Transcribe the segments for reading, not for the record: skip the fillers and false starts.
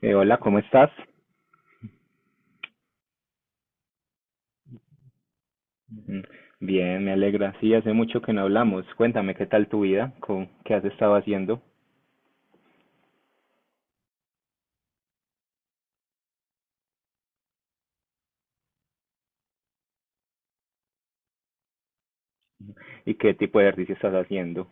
Hola, ¿cómo estás? Mm. Bien, me alegra. Sí, hace mucho que no hablamos. Cuéntame qué tal tu vida. ¿ Qué has estado haciendo y qué tipo de ejercicio estás haciendo?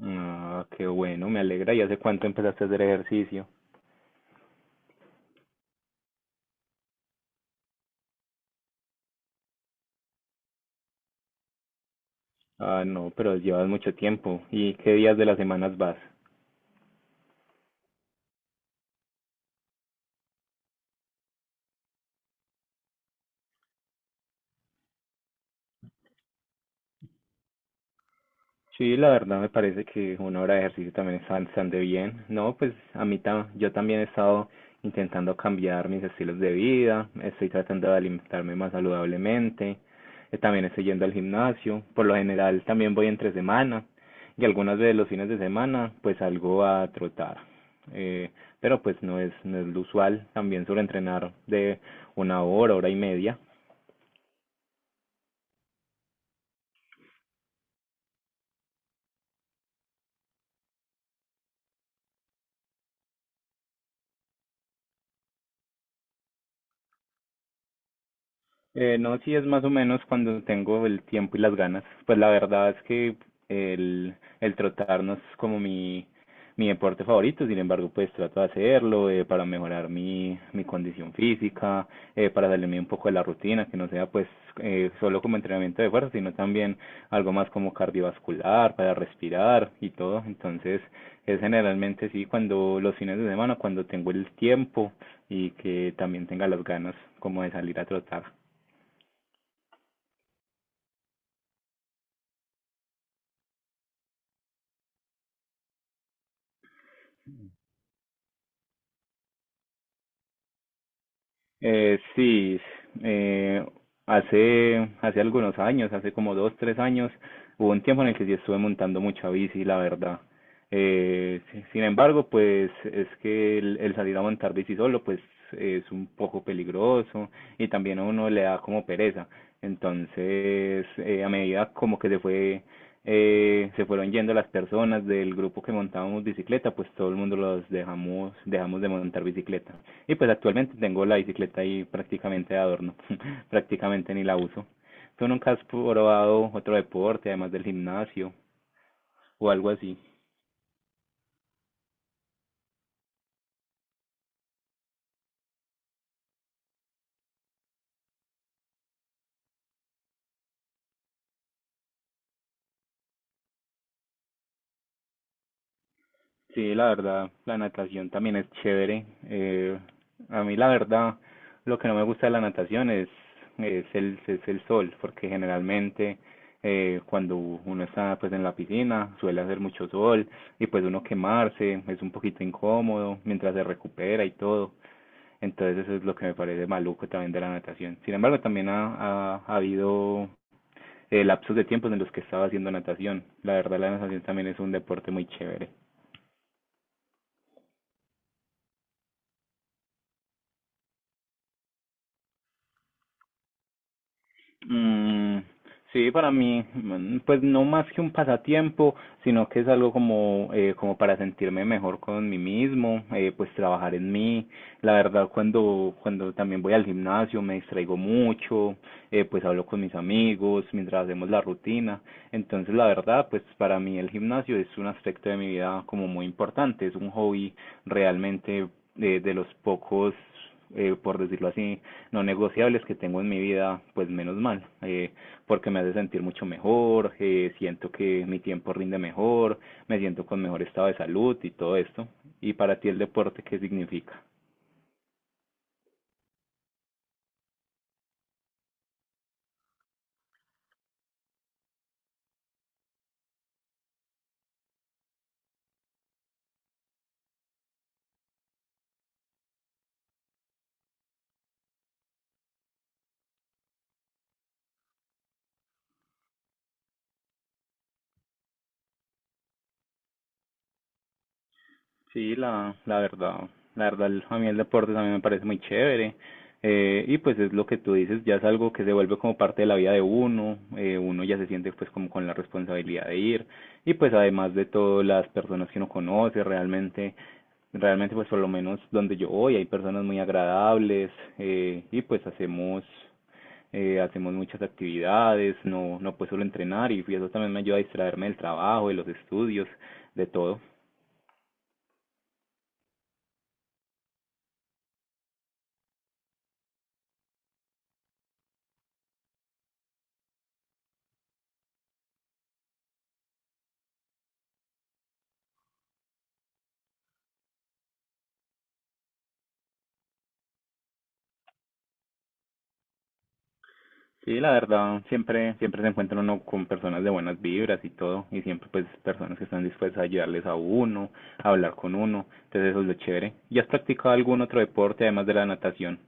Ah, qué bueno, me alegra. ¿Y hace cuánto empezaste a hacer ejercicio? Ah, no, pero llevas mucho tiempo. ¿Y qué días de las semanas vas? Sí, la verdad me parece que 1 hora de ejercicio también está bastante bien. No, pues a mí yo también he estado intentando cambiar mis estilos de vida, estoy tratando de alimentarme más saludablemente. También estoy yendo al gimnasio, por lo general también voy entre semana y algunas veces los fines de semana pues salgo a trotar. Eh, pero pues no es lo usual, también suelo entrenar de 1 hora, hora y media. No, sí es más o menos cuando tengo el tiempo y las ganas. Pues la verdad es que el, el trotar no es como mi deporte favorito, sin embargo, pues trato de hacerlo para mejorar mi condición física, para salirme un poco de la rutina, que no sea pues solo como entrenamiento de fuerza, sino también algo más como cardiovascular, para respirar y todo. Entonces, es generalmente sí cuando los fines de semana, cuando tengo el tiempo y que también tenga las ganas como de salir a trotar. Sí, eh, hace algunos años, hace como 2, 3 años, hubo un tiempo en el que sí estuve montando mucha bici, la verdad. Sin embargo, pues es que el salir a montar bici solo, pues es un poco peligroso y también a uno le da como pereza. Entonces, a medida como que se fueron yendo las personas del grupo que montábamos bicicleta, pues todo el mundo los dejamos, de montar bicicleta. Y pues actualmente tengo la bicicleta ahí prácticamente de adorno, prácticamente ni la uso. ¿Tú nunca has probado otro deporte, además del gimnasio o algo así? Sí, la verdad, la natación también es chévere. A mí la verdad, lo que no me gusta de la natación es el sol, porque generalmente cuando uno está pues en la piscina suele hacer mucho sol y pues uno quemarse, es un poquito incómodo mientras se recupera y todo. Entonces eso es lo que me parece maluco también de la natación. Sin embargo, también ha habido lapsos de tiempos en los que estaba haciendo natación. La verdad, la natación también es un deporte muy chévere. Mm, sí, para mí, pues no más que un pasatiempo, sino que es algo como para sentirme mejor con mí mismo, pues trabajar en mí. La verdad, cuando también voy al gimnasio me distraigo mucho. Pues hablo con mis amigos mientras hacemos la rutina. Entonces, la verdad, pues para mí el gimnasio es un aspecto de mi vida como muy importante, es un hobby realmente, de los pocos, por decirlo así, no negociables que tengo en mi vida, pues menos mal, porque me hace sentir mucho mejor, siento que mi tiempo rinde mejor, me siento con mejor estado de salud y todo esto. ¿Y para ti el deporte qué significa? Sí, la verdad, a mí el deporte también me parece muy chévere. Y pues es lo que tú dices, ya es algo que se vuelve como parte de la vida de uno, uno ya se siente pues como con la responsabilidad de ir y pues además de todo las personas que uno conoce realmente. Pues por lo menos donde yo voy hay personas muy agradables, y pues hacemos hacemos muchas actividades, no no pues solo entrenar y eso también me ayuda a distraerme del trabajo, de los estudios, de todo. Sí, la verdad, siempre se encuentra uno con personas de buenas vibras y todo y siempre pues personas que están dispuestas a ayudarles a uno, a hablar con uno, entonces eso es lo chévere. ¿Y has practicado algún otro deporte además de la natación?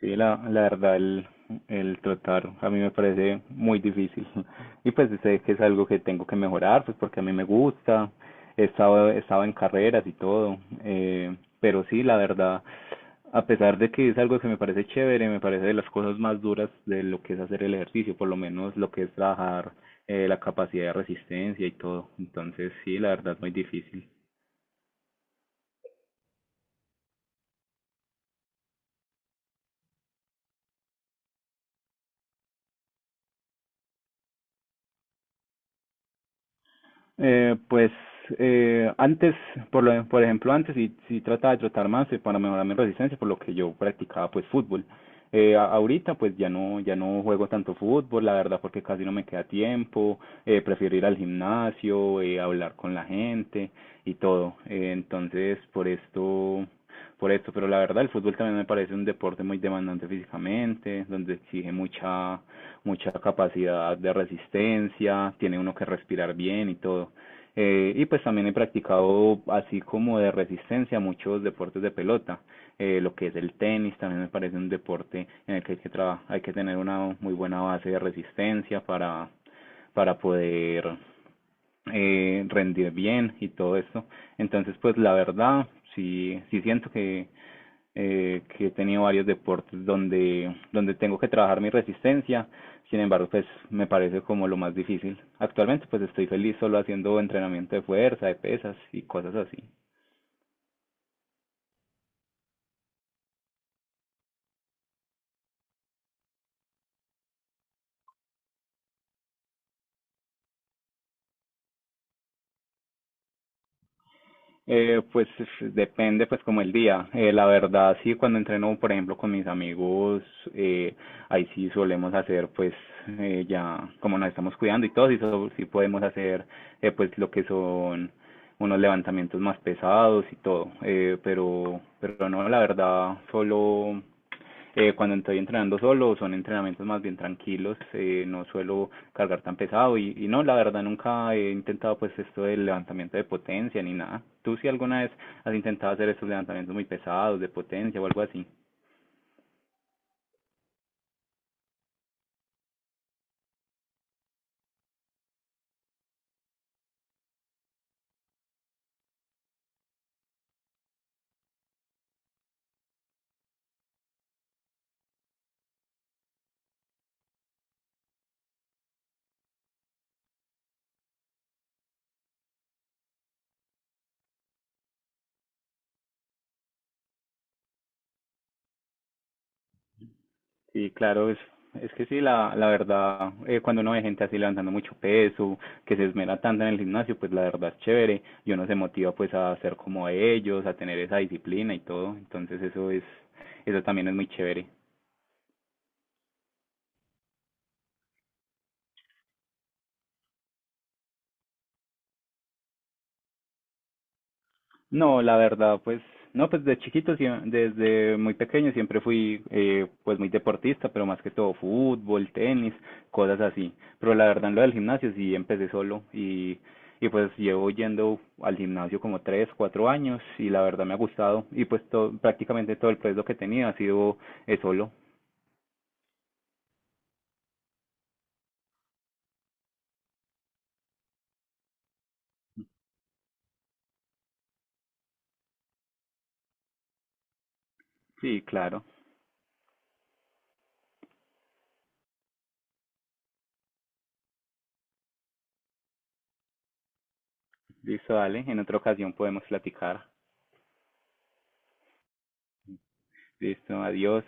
Sí, la verdad, el trotar a mí me parece muy difícil. Y pues sé que es algo que tengo que mejorar, pues porque a mí me gusta. He estado en carreras y todo. Eh, pero sí, la verdad, a pesar de que es algo que me parece chévere, me parece de las cosas más duras de lo que es hacer el ejercicio, por lo menos lo que es trabajar la capacidad de resistencia y todo. Entonces, sí, la verdad, muy difícil. Pues antes, por ejemplo, antes sí trataba de trotar más, para mejorar mi resistencia, por lo que yo practicaba pues fútbol. Ahorita pues ya no, juego tanto fútbol, la verdad, porque casi no me queda tiempo, prefiero ir al gimnasio, hablar con la gente y todo. Entonces, por esto, pero la verdad el fútbol también me parece un deporte muy demandante físicamente, donde exige mucha capacidad de resistencia, tiene uno que respirar bien y todo. Y pues también he practicado, así como de resistencia, muchos deportes de pelota. Lo que es el tenis también me parece un deporte en el que hay que tener una muy buena base de resistencia para, poder rendir bien y todo esto. Entonces, pues la verdad, sí, sí siento que he tenido varios deportes donde tengo que trabajar mi resistencia, sin embargo, pues me parece como lo más difícil. Actualmente, pues estoy feliz solo haciendo entrenamiento de fuerza, de pesas y cosas así. Pues depende pues como el día. La verdad sí, cuando entreno por ejemplo con mis amigos, eh, ahí sí solemos hacer pues ya como nos estamos cuidando y todo, sí, sí podemos hacer pues lo que son unos levantamientos más pesados y todo. Pero no, la verdad solo cuando estoy entrenando solo son entrenamientos más bien tranquilos, no suelo cargar tan pesado y no, la verdad nunca he intentado pues esto del levantamiento de potencia ni nada. ¿Tú si alguna vez has intentado hacer estos levantamientos muy pesados de potencia o algo así? Sí, claro, es que sí, la verdad, cuando uno ve gente así levantando mucho peso, que se esmera tanto en el gimnasio, pues la verdad es chévere y uno se motiva pues a ser como ellos, a tener esa disciplina y todo, entonces eso también es muy chévere. No, la verdad, pues, no, pues de chiquito, desde muy pequeño siempre fui, pues muy deportista, pero más que todo fútbol, tenis, cosas así. Pero la verdad, en lo del gimnasio sí empecé solo y pues llevo yendo al gimnasio como 3, 4 años y la verdad me ha gustado y pues todo, prácticamente todo el proyecto que tenía ha sido solo. Sí, claro. Listo, dale, en otra ocasión podemos platicar. Listo, adiós.